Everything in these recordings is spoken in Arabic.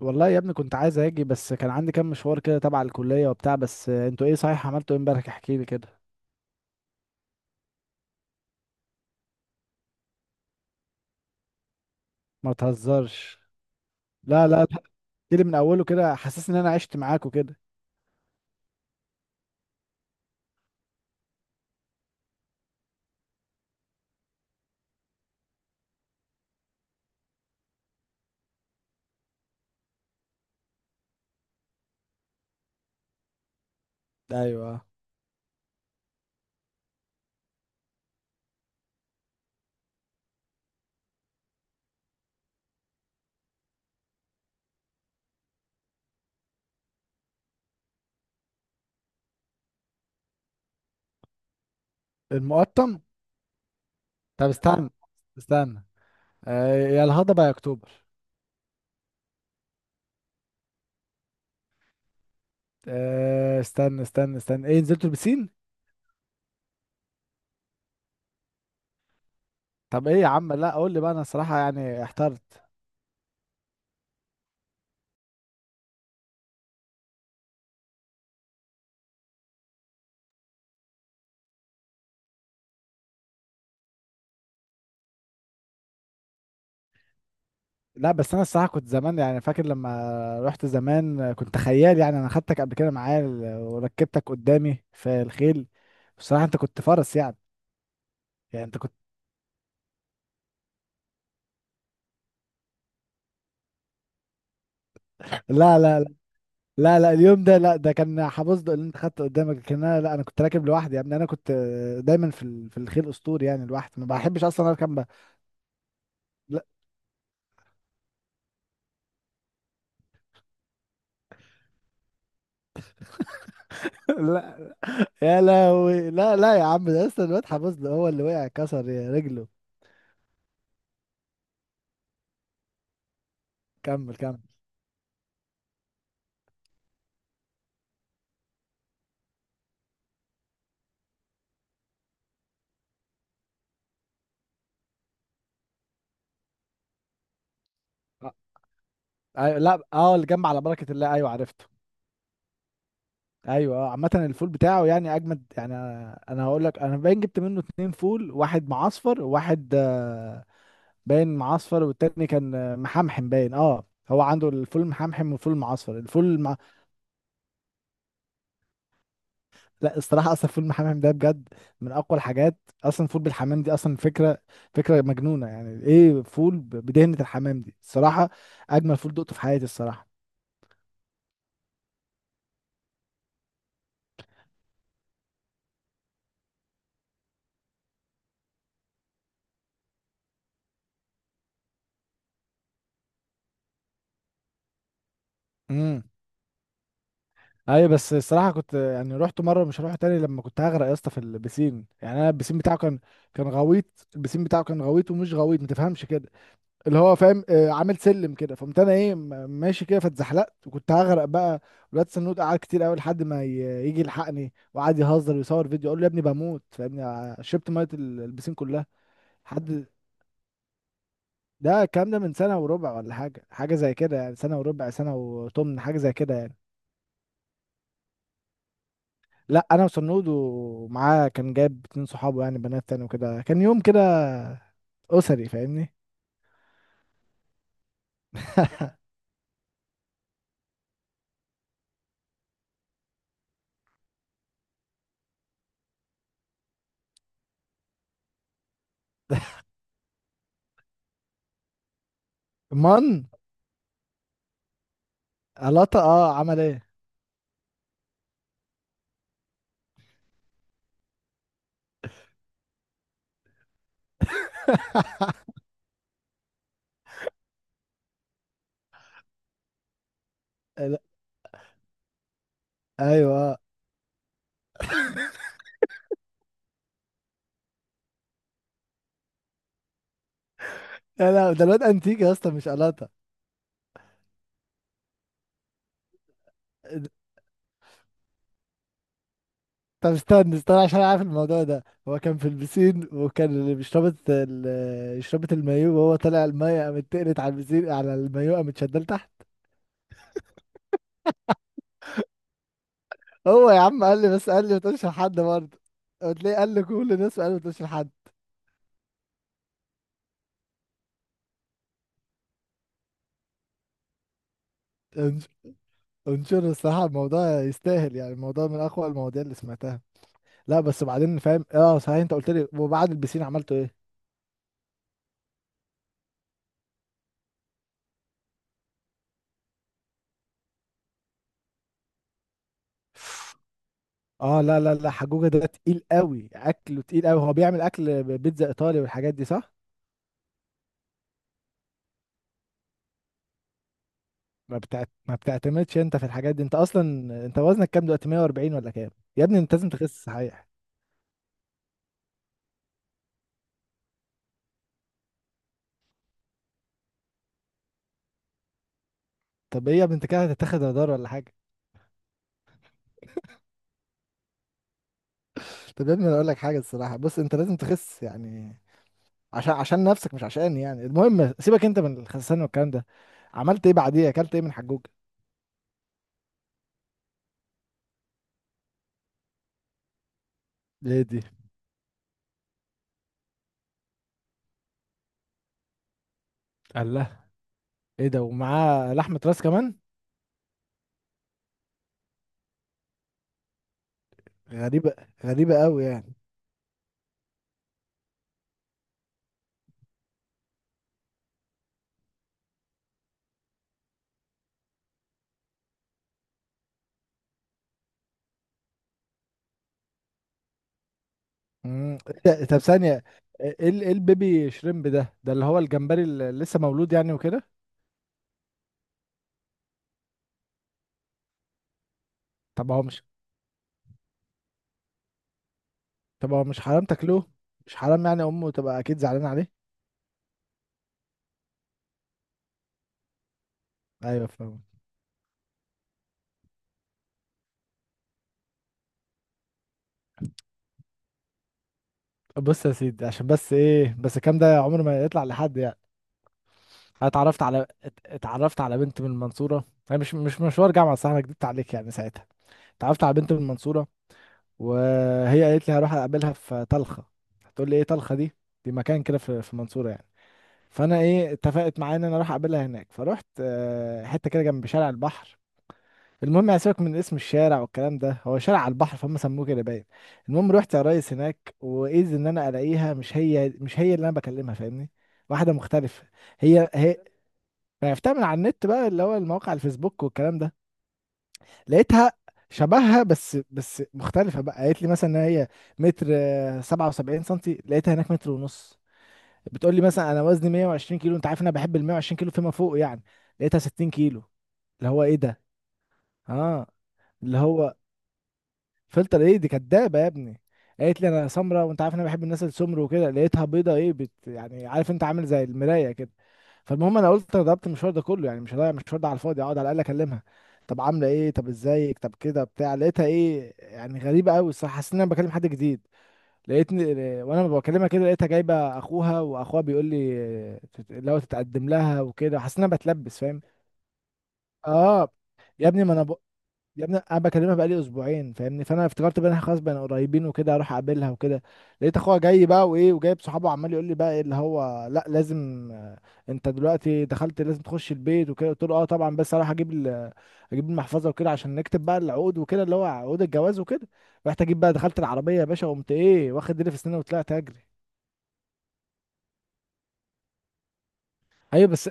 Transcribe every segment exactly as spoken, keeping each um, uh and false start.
والله يا ابني، كنت عايز اجي بس كان عندي كام مشوار كده تبع الكلية وبتاع. بس انتوا ايه صحيح؟ عملتوا ايه امبارح؟ احكي لي كده. ما تهزرش. لا لا لا، احكي لي من اوله كده، حاسس ان انا عشت معاكوا كده. ايوه. المقطم. طب استنى استنى. آه، يا الهضبة يا اكتوبر. آه، استنى استنى استنى ايه، نزلتوا البسين؟ طب ايه يا عم؟ لا قول لي بقى، انا الصراحة يعني احترت. لا بس انا الصراحه كنت زمان يعني فاكر لما رحت زمان كنت خيال، يعني انا خدتك قبل كده معايا ال- وركبتك قدامي في الخيل. بصراحه انت كنت فرس يعني. يعني انت كنت لا لا لا. لا، لا اليوم ده لا، ده كان حبصده اللي انت خدته قدامك، لكن انا لا، انا كنت راكب لوحدي يا ابني. انا كنت دايما في ال- في الخيل اسطوري، يعني لوحدي ما بحبش اصلا اركب ب- لا. لا، يا لهوي. لا لا يا عم، ده لسه الواد حبصده هو اللي وقع كسر رجله. كمل كمل. أ- أيوة. لا اه، اللي جنب على بركه الله، ايوه عرفته. ايوه. آه، عامة الفول بتاعه يعني اجمد، يعني انا أنا هقول لك، انا باين جبت منه اتنين فول، واحد معصفر وواحد آه، باين معصفر، والتاني كان آه، محمحم باين. اه، هو عنده الفول المحمحم والفول المعصفر، الفول الم... لا الصراحة اصلا الفول المحمحم ده بجد من اقوى الحاجات. اصلا الفول بالحمام دي اصلا فكرة، فكرة مجنونة. يعني ايه فول ب- بدهنة الحمام دي؟ الصراحة اجمل فول دقته في حياتي الصراحة. ايوه بس الصراحه كنت يعني رحت مره مش هروح تاني، لما كنت هغرق يا اسطى في البسين. يعني انا البسين بتاعه كان كان غويط. البسين بتاعه كان غويط ومش غويط، ما تفهمش كده. اللي هو فاهم، آه، عامل سلم كده، فقمت انا ايه، م- ماشي كده فاتزحلقت وكنت هغرق بقى. الواد سنود قعد كتير قوي لحد ما ي- يجي يلحقني، وقعد يهزر ويصور فيديو، اقول له يا ابني بموت فاهمني. ع- شربت ميه ال- البسين كلها. حد. ده الكلام ده من سنه وربع ولا حاجه، حاجه زي كده يعني، سنه وربع سنه وثمن حاجه زي كده يعني. لا، انا وصنود، ومعاه كان جايب اتنين صحابه يعني بنات تاني وكده، كان يوم كده اسري فاهمني. من. قلاطة؟ اه عمل ايه؟ لا، ايوه. لا لا، ده الواد انتيك يا اسطى، مش قلاطة. طب استنى استنى، عشان أنا عارف الموضوع ده. هو كان في البسين، وكان اللي بيشربت ال- شربت المايو، وهو طالع المايه قامت تقلت على البسين، على المايو قامت شدال تحت. هو يا عم قال لي، بس قال لي ما تقولش لحد برضه. قلت ليه؟ قال لي كل الناس، قال لي ما تقولش لحد. انشر، الصراحة الموضوع يستاهل، يعني الموضوع من أقوى المواضيع اللي سمعتها. لا بس بعدين فاهم، اه صحيح، انت قلت لي، وبعد البسين عملته ايه؟ اه لا لا لا، حجوجة ده تقيل قوي اكله، تقيل قوي. هو بيعمل اكل بيتزا ايطالي والحاجات دي صح؟ ما بتعت... ما بتعتمدش انت في الحاجات دي انت اصلا. انت وزنك كام دلوقتي، مية واربعين ولا كام؟ يا ابني انت لازم تخس صحيح. طب ايه يا ابني، انت كده هتتاخد هدار ولا حاجة؟ طب يا ابني، انا اقول لك حاجة الصراحة، بص انت لازم تخس يعني، عشان عشان نفسك مش عشاني يعني. المهم سيبك انت من الخسسان والكلام ده. عملت ايه بعديه؟ اكلت ايه من حجوج؟ ليه دي؟ قال لها. ايه ده، ومعاه لحمه راس كمان؟ غريبه، غريبه قوي يعني. امم إيه ده؟ طب ثانيه. ايه ال- ايه البيبي شريمب ده؟ ده اللي هو الجمبري اللي لسه مولود يعني وكده؟ طب هو مش طب هو مش حرام تاكلوه؟ مش حرام يعني؟ امه تبقى اكيد زعلانه عليه. ايوه فاهم. بص يا سيدي، عشان بس ايه، بس الكلام ده عمره ما يطلع لحد يعني. انا اتعرفت على ات- اتعرفت على بنت من المنصوره. هي مش مش مشوار جامعه صح، انا كدبت عليك يعني ساعتها. اتعرفت على بنت من المنصوره، وهي قالت لي هروح اقابلها في طلخه. هتقول لي ايه طلخه دي؟ دي مكان كده في في المنصوره يعني. فانا ايه اتفقت معايا ان انا اروح اقابلها هناك، فرحت آه، حته كده جنب شارع البحر. المهم يعني سيبك من اسم الشارع والكلام ده، هو شارع على البحر فهم سموه كده باين. المهم رحت يا ريس هناك، واذ ان انا الاقيها مش هي مش هي اللي انا بكلمها فاهمني. واحده مختلفه. هي هي. فعرفتها من على النت بقى، اللي هو المواقع الفيسبوك والكلام ده. لقيتها شبهها، بس بس مختلفة بقى. قالت لي مثلا ان هي متر آه، سبعة وسبعين سنتي، لقيتها هناك متر ونص. بتقول لي مثلا انا وزني مية وعشرين كيلو، انت عارف انا بحب ال مية وعشرين كيلو فيما فوق يعني، لقيتها ستين كيلو. اللي هو ايه ده؟ اه. اللي هو فلتر. ايه دي كدابه يا ابني. قالت لي انا سمراء، وانت عارف انا بحب الناس السمر وكده، لقيتها بيضه، ايه بت يعني، عارف انت، عامل زي المرايه كده. فالمهم انا قلت انا ضربت المشوار ده كله يعني، مش هضيع المشوار ده على الفاضي، اقعد على الاقل اكلمها. طب عامله ايه، طب ازيك، طب كده بتاع، لقيتها ايه يعني، غريبه قوي الصراحه، حسيت ان انا بكلم حد جديد. لقيتني وانا بكلمها كده، لقيتها جايبه اخوها، واخوها بيقول لي اللي هو تتقدم لها وكده، حسيت ان انا بتلبس فاهم. اه. يا ابني ما انا ب... يا ابني انا بكلمها بقالي اسبوعين فاهمني، فانا افتكرت بقى إن إحنا خلاص بقينا قريبين وكده اروح اقابلها وكده. لقيت اخوها جاي بقى، وايه وجايب صحابه، عمال يقول لي بقى ايه اللي هو لا لازم، آه، انت دلوقتي دخلت لازم تخش البيت وكده. قلت له اه طبعا، بس اروح اجيب ال- اجيب المحفظه وكده، عشان نكتب بقى العقود وكده، اللي هو عقود الجواز وكده. رحت اجيب بقى، دخلت العربيه يا باشا وقمت ايه واخد ديلي في سناني وطلعت اجري. ايوه بس.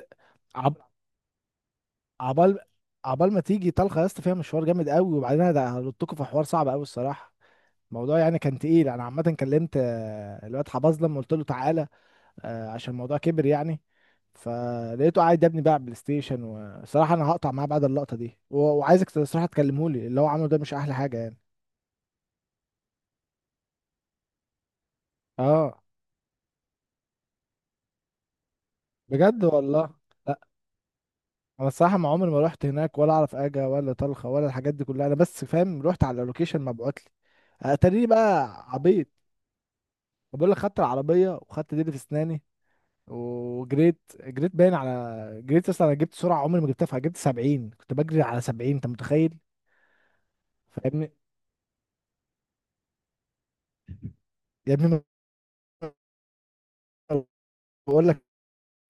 عب... عبال عبال ما تيجي طلقه يا اسطى فيها مشوار جامد قوي. وبعدين انا هلطكوا في حوار صعب قوي الصراحه، الموضوع يعني كان تقيل. انا عامه كلمت آه، الواد حباظ لما قلت له تعالى، آه، عشان الموضوع كبر يعني. فلقيته قاعد يا ابني بقى على بلاي ستيشن، وصراحه انا هقطع معاه بعد اللقطه دي، و- وعايزك صراحه تكلمه لي، اللي هو عمله ده مش احلى حاجه يعني. اه. بجد والله. لا انا الصراحه ما عمري ما رحت هناك، ولا اعرف اجا ولا طلخه ولا الحاجات دي كلها، انا بس فاهم رحت على اللوكيشن مبعوت لي. اتاريني بقى عبيط. بقول لك خدت العربيه وخدت ديلي في اسناني وجريت. جريت باين على، جريت اصلا انا جبت سرعه عمري ما جبتها فيها، جبت سبعين، كنت بجري على سبعين انت متخيل. فاهمني. يا ابني ما بقول لك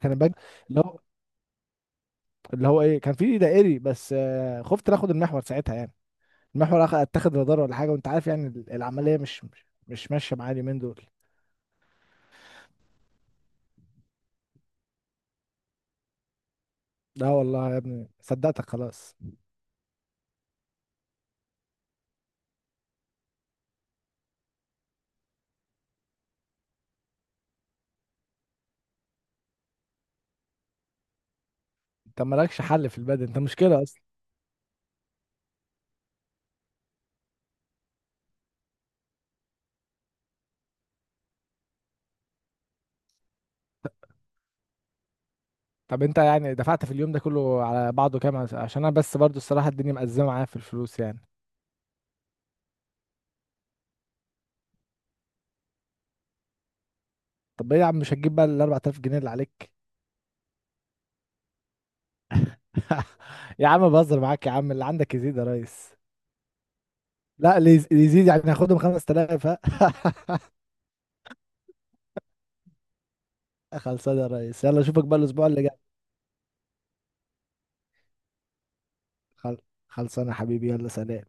انا بجري، اللي هو، اللي هو ايه، كان في دائري بس، آه، خفت ناخد المحور ساعتها يعني، المحور أخ- اتاخد رادار ولا حاجه، وانت عارف يعني ال- العمليه مش مش مش ماشيه معايا اليومين دول. لا والله يا ابني صدقتك خلاص. انت مالكش حل في البدن، انت مشكله اصلا. طب انت يعني دفعت في اليوم ده كله على بعضه كام؟ عشان انا بس برضو الصراحه الدنيا مأزمه معايا في الفلوس يعني. طب ايه يا عم، مش هتجيب بقى ال اربعة الاف جنيه اللي عليك؟ يا عم بهزر معاك يا عم، اللي عندك يزيد يا ريس. لا اللي يز- اللي يزيد يعني هاخدهم خمسة الاف، ها. خلصانه يا ريس، يلا اشوفك بقى الاسبوع اللي جاي. خل... خلصانه يا حبيبي، يلا سلام.